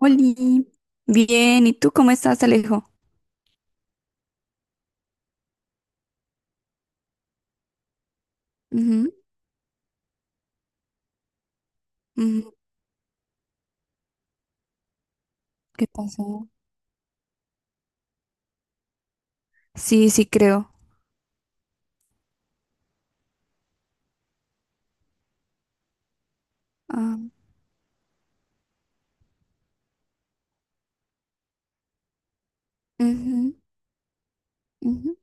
Oli, bien, ¿y tú cómo estás, Alejo? Ujú, ujú, ¿qué pasó? Sí, sí, creo. Ah, ujú, ujú,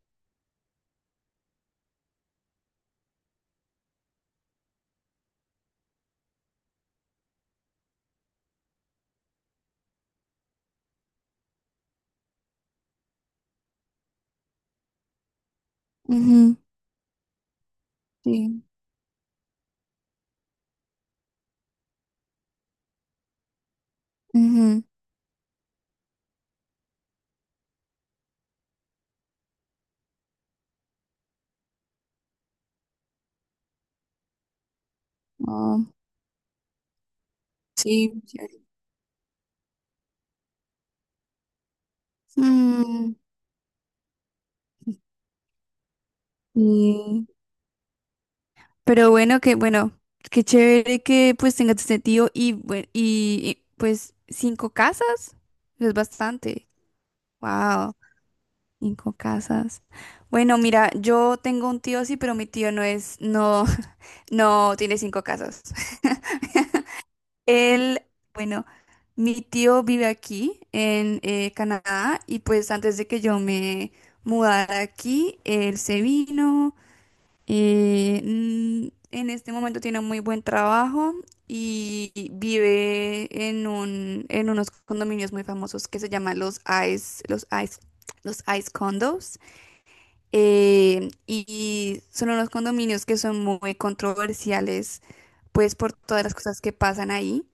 ujú, sí, ujú, ah, sí, chévere. Mm, sí. Pero bueno, que bueno, qué chévere que pues tengas este tío y, pues cinco casas, es bastante. Wow, cinco casas. Bueno, mira, yo tengo un tío sí, pero mi tío no es, no. No, tiene cinco casos. Él, bueno, mi tío vive aquí en Canadá y pues antes de que yo me mudara aquí, él se vino. En este momento tiene un muy buen trabajo y vive en unos condominios muy famosos que se llaman Ice, los Ice, los Ice Condos. Y son unos condominios que son muy controversiales pues por todas las cosas que pasan ahí.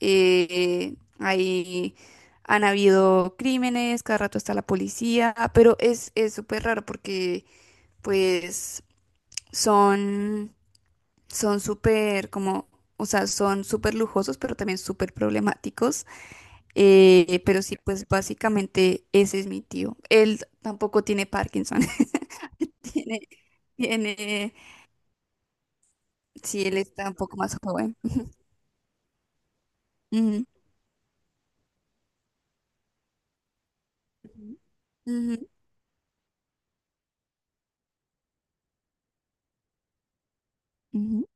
Ahí han habido crímenes, cada rato está la policía, pero es súper raro porque pues son son súper como, o sea, son súper lujosos, pero también súper problemáticos. Pero sí, pues básicamente ese es mi tío. Él tampoco tiene Parkinson. tiene, tiene, sí, él está un poco más joven. Ujú, ujú, ujú,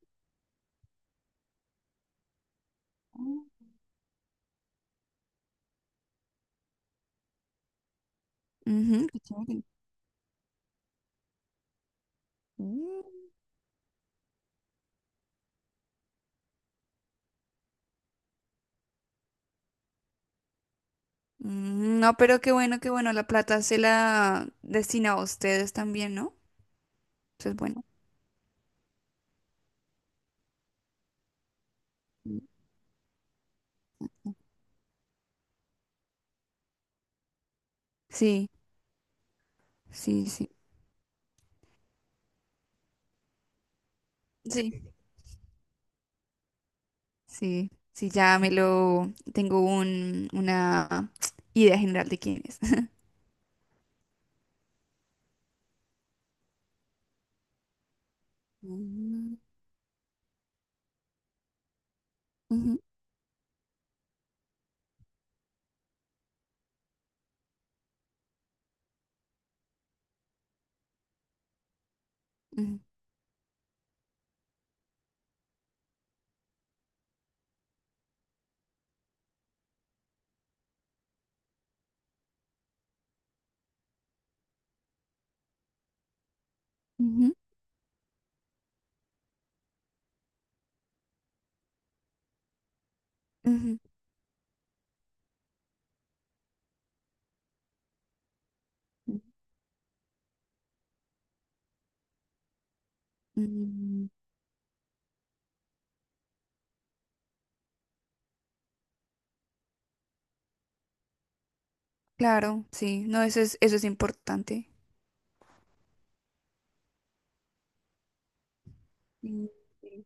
ujú, qué chévere. Mm. Mm, no, pero qué bueno, qué bueno. La plata se la destina a ustedes también, ¿no? Eso es bueno. Mm. Sí, sí, sí. Sí, sí. Sí, ya me lo. Tengo una idea general de quién es. Mm, ujú, ujú, ujú. Ujú, mm, claro, sí. No, eso es importante. Mm, sí.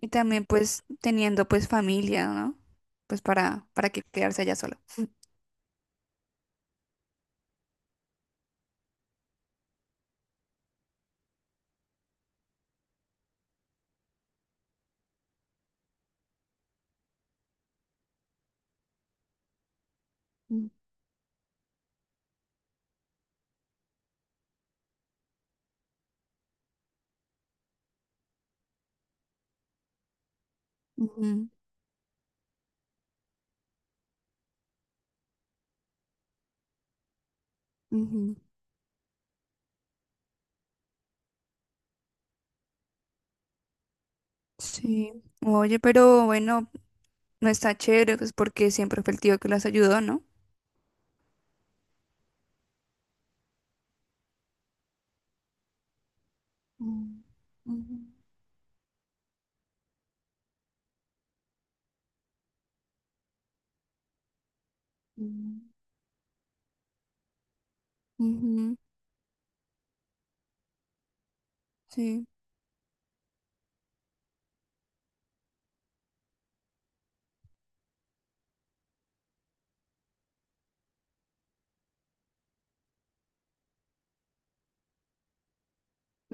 Y también, pues, teniendo, pues, familia, ¿no? Pues para que quedarse allá solo. Ujú, ujú. Sí. Oye, pero bueno, no está chévere, pues porque siempre fue el tío que las ayudó, ¿no? Mm, ujú, ujú, ujú, sí,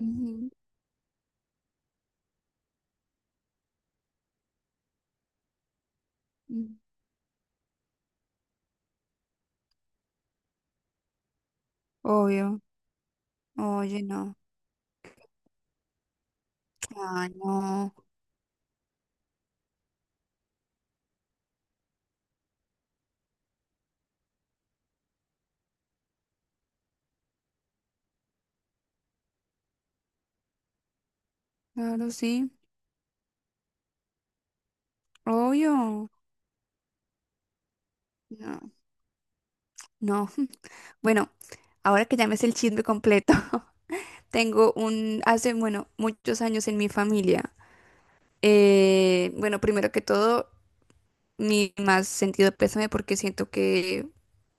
ujú, ujú. Obvio. Oye, no. Ay, no. Claro, sí. Obvio. No, no. Bueno, ahora que ya me sé el chisme completo, hace, bueno, muchos años en mi familia. Bueno, primero que todo. Mi más sentido pésame porque siento que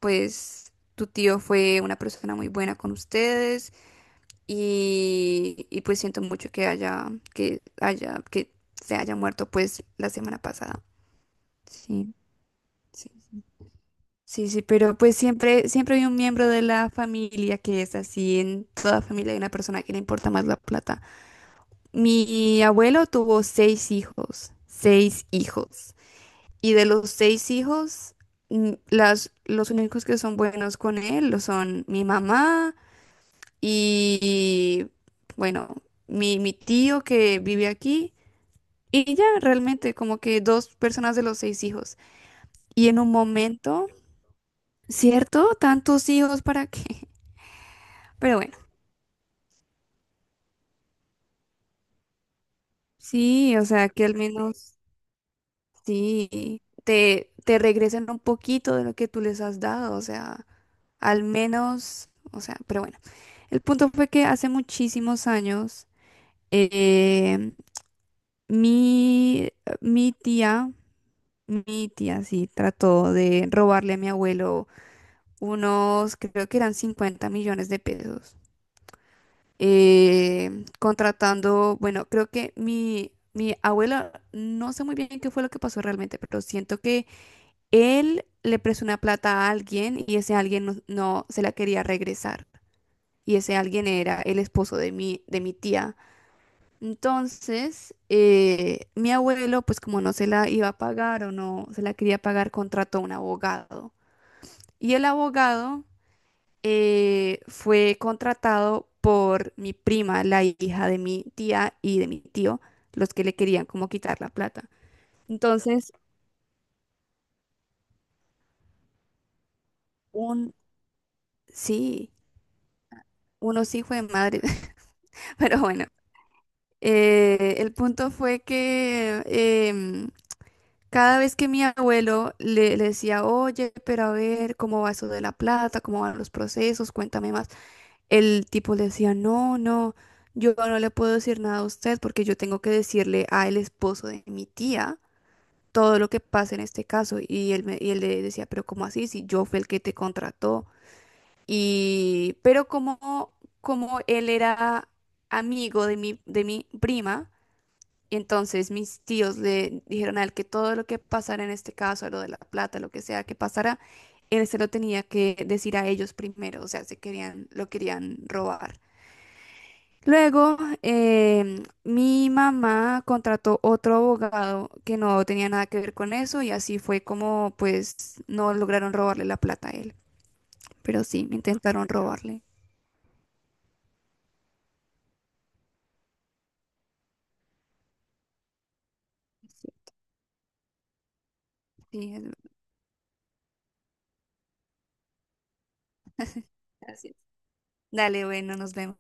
pues tu tío fue una persona muy buena con ustedes y, pues siento mucho que se haya muerto pues la semana pasada. Sí, sí, sí, sí, sí, pero pues siempre, siempre hay un miembro de la familia que es así, en toda familia hay una persona que le importa más la plata. Mi abuelo tuvo seis hijos, seis hijos. Y de los seis hijos, los únicos que son buenos con él lo son mi mamá y, bueno, mi tío que vive aquí. Y ya, realmente, como que dos personas de los seis hijos. Y en un momento, ¿cierto? Tantos hijos, ¿para qué? Pero bueno, sí, o sea, que al menos sí, te regresen un poquito de lo que tú les has dado, o sea, al menos, o sea, pero bueno. El punto fue que hace muchísimos años, eh, mi, mi tía, mi tía sí, trató de robarle a mi abuelo unos, creo que eran 50 millones de pesos, contratando, bueno, creo que mi abuelo, no sé muy bien qué fue lo que pasó realmente, pero siento que él le prestó una plata a alguien y ese alguien no se la quería regresar. Y ese alguien era el esposo de mi tía. Entonces, mi abuelo, pues como no se la iba a pagar o no se la quería pagar, contrató a un abogado. Y el abogado fue contratado por mi prima, la hija de mi tía y de mi tío, los que le querían como quitar la plata. Entonces, un, sí, unos hijos de madre. Pero bueno, el punto fue que cada vez que mi abuelo le decía, oye, pero a ver, ¿cómo va eso de la plata? ¿Cómo van los procesos? Cuéntame más. El tipo le decía, no, no, yo no le puedo decir nada a usted porque yo tengo que decirle a el esposo de mi tía todo lo que pasa en este caso. Y él le decía, pero ¿cómo así? Si yo fui el que te contrató. Y, pero como él era amigo de mi prima, entonces mis tíos le dijeron a él que todo lo que pasara en este caso, lo de la plata, lo que sea que pasara, él se lo tenía que decir a ellos primero, o sea, lo querían robar. Luego, mi mamá contrató otro abogado que no tenía nada que ver con eso y así fue como pues no lograron robarle la plata a él, pero sí, intentaron robarle. Sí, es- así es. Dale, bueno, nos vemos.